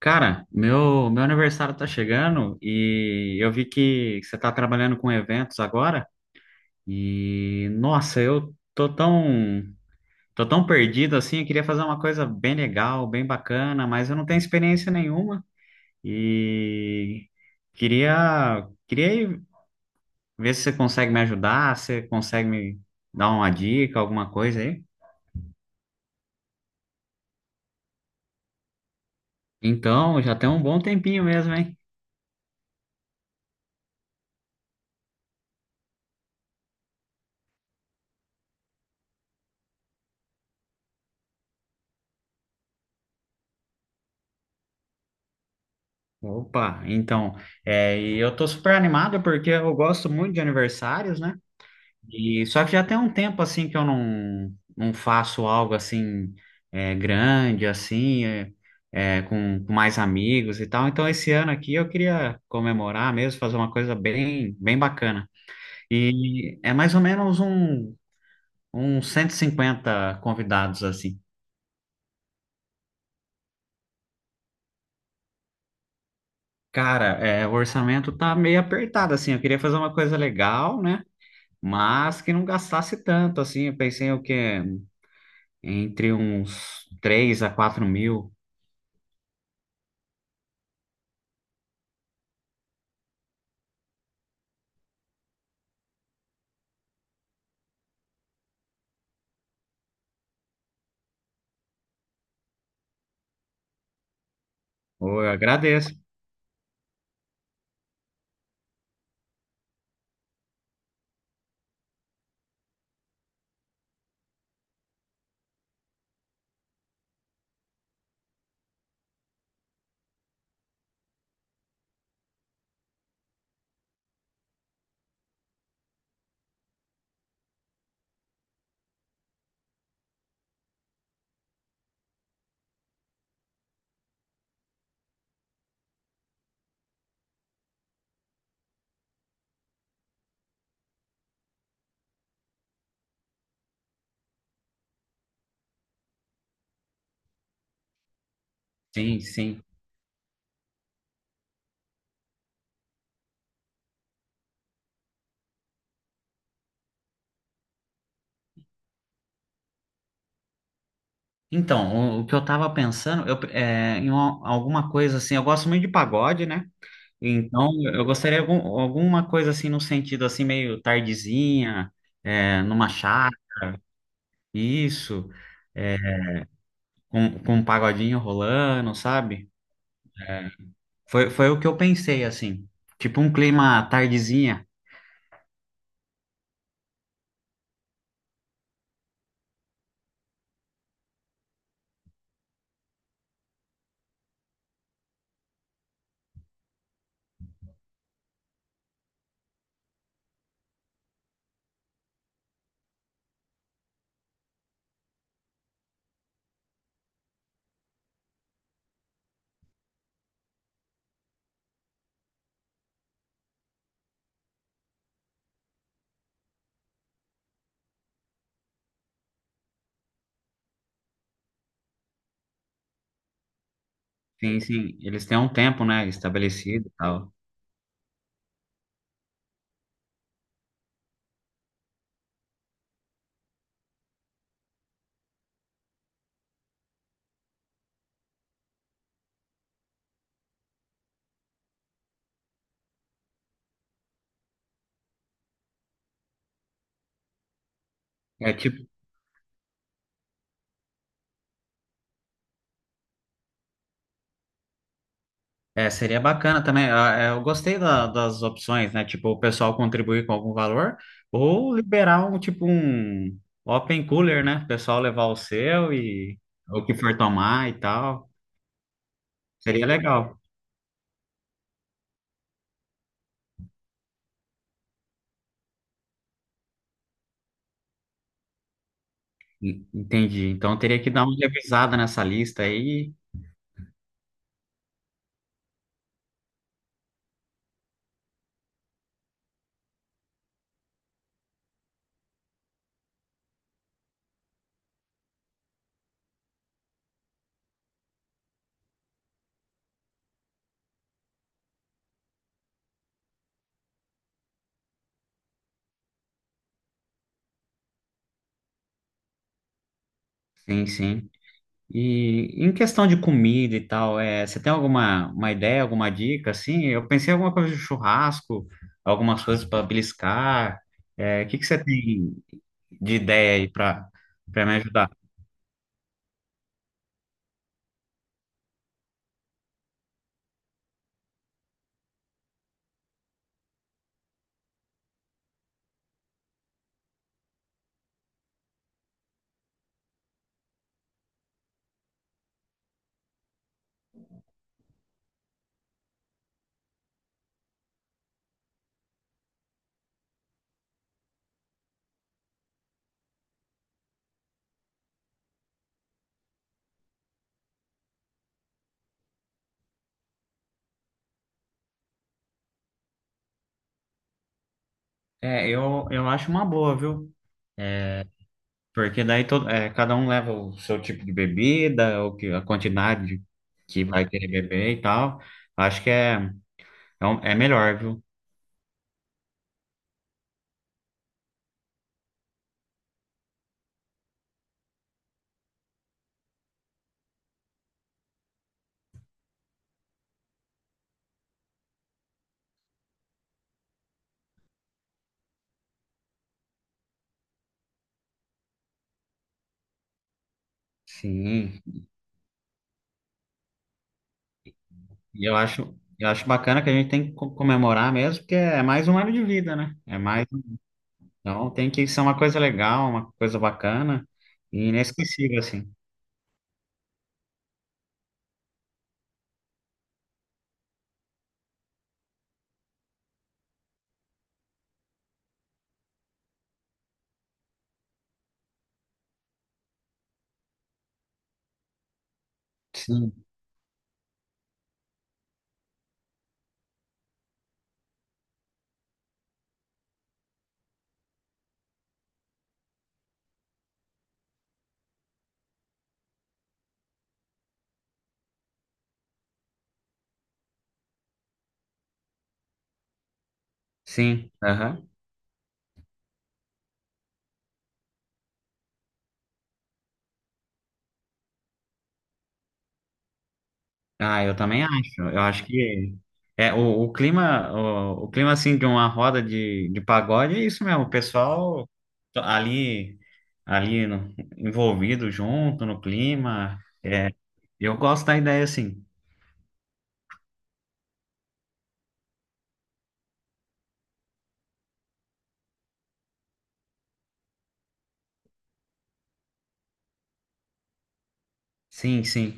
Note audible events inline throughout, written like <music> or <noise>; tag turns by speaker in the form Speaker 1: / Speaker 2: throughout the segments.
Speaker 1: Cara, meu aniversário tá chegando e eu vi que você tá trabalhando com eventos agora e, nossa, tô tão perdido assim, eu queria fazer uma coisa bem legal, bem bacana, mas eu não tenho experiência nenhuma e queria ver se você consegue me ajudar, se você consegue me dar uma dica, alguma coisa aí. Então, já tem um bom tempinho mesmo, hein? Opa, então, e eu tô super animado porque eu gosto muito de aniversários, né? E só que já tem um tempo assim que eu não, não faço algo assim grande, com mais amigos e tal. Então, esse ano aqui eu queria comemorar mesmo, fazer uma coisa bem, bem bacana. E é mais ou uns 150 convidados assim. Cara, o orçamento tá meio apertado assim. Eu queria fazer uma coisa legal, né? Mas que não gastasse tanto, assim, eu pensei o quê? Entre uns 3 a 4 mil. Ô, eu agradeço, sim, sim. Então, o que eu tava pensando, em alguma coisa assim, eu gosto muito de pagode, né? Então, eu gostaria de alguma coisa assim, no sentido assim, meio tardezinha, numa chácara, isso, é, com um pagodinho rolando, sabe? Foi o que eu pensei, assim, tipo um clima tardezinha. Sim, sim. Eles têm um tempo, né, estabelecido e tal. É tipo, é, seria bacana também. Ah, é, eu gostei das opções, né? Tipo, o pessoal contribuir com algum valor ou liberar um tipo um open cooler, né? O pessoal levar o seu e o que for tomar e tal. Seria legal. Entendi. Então teria que dar uma revisada nessa lista aí. Sim, sim. E em questão de comida e tal, é, você tem alguma uma ideia, alguma dica assim? Eu pensei em alguma coisa de churrasco, algumas coisas para beliscar. É, o que que você tem de ideia aí para me ajudar? É, eu acho uma boa, viu? Porque daí todo, é, cada um leva o seu tipo de bebida, o que, a quantidade que vai querer beber e tal. Acho que é melhor, viu? Sim. E eu acho bacana que a gente tem que comemorar mesmo, porque é mais um ano de vida, né? É mais, então tem que ser uma coisa legal, uma coisa bacana e inesquecível, assim. Sim, sim, aham. Ah, eu também acho. Eu acho que é o clima, o clima assim de uma roda de pagode é isso mesmo. O pessoal to- ali, ali envolvido junto no clima. É, eu gosto da ideia assim. Sim, sim.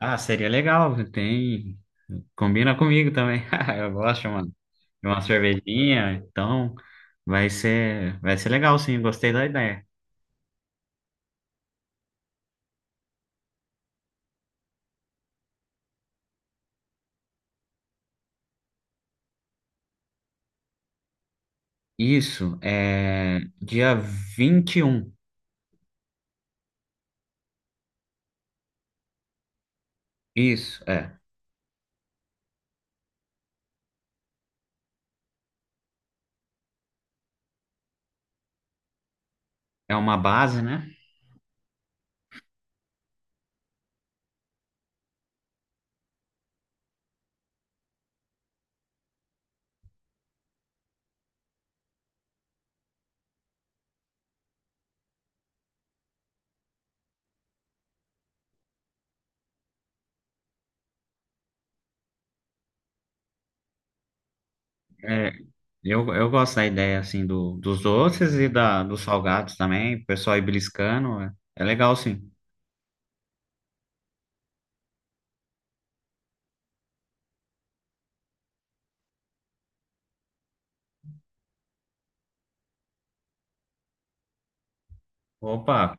Speaker 1: Ah, seria legal. Tem. Combina comigo também. <laughs> Eu gosto, mano, de uma cervejinha, então vai ser legal, sim. Gostei da ideia. Isso é dia 21. Isso, é. É uma base, né? É, eu gosto da ideia, assim, dos doces dos salgados também. O pessoal ir beliscando. É, é legal, sim. Opa.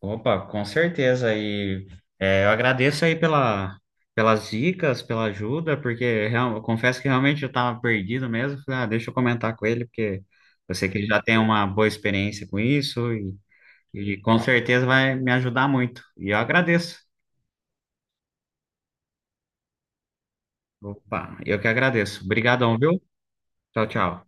Speaker 1: Opa, com certeza. E é, eu agradeço pelas dicas, pela ajuda, porque eu confesso que realmente eu estava perdido mesmo. Falei, ah, deixa eu comentar com ele, porque eu sei que ele já tem uma boa experiência com isso e com certeza vai me ajudar muito. E eu agradeço. Opa, eu que agradeço. Obrigadão, viu? Tchau, tchau.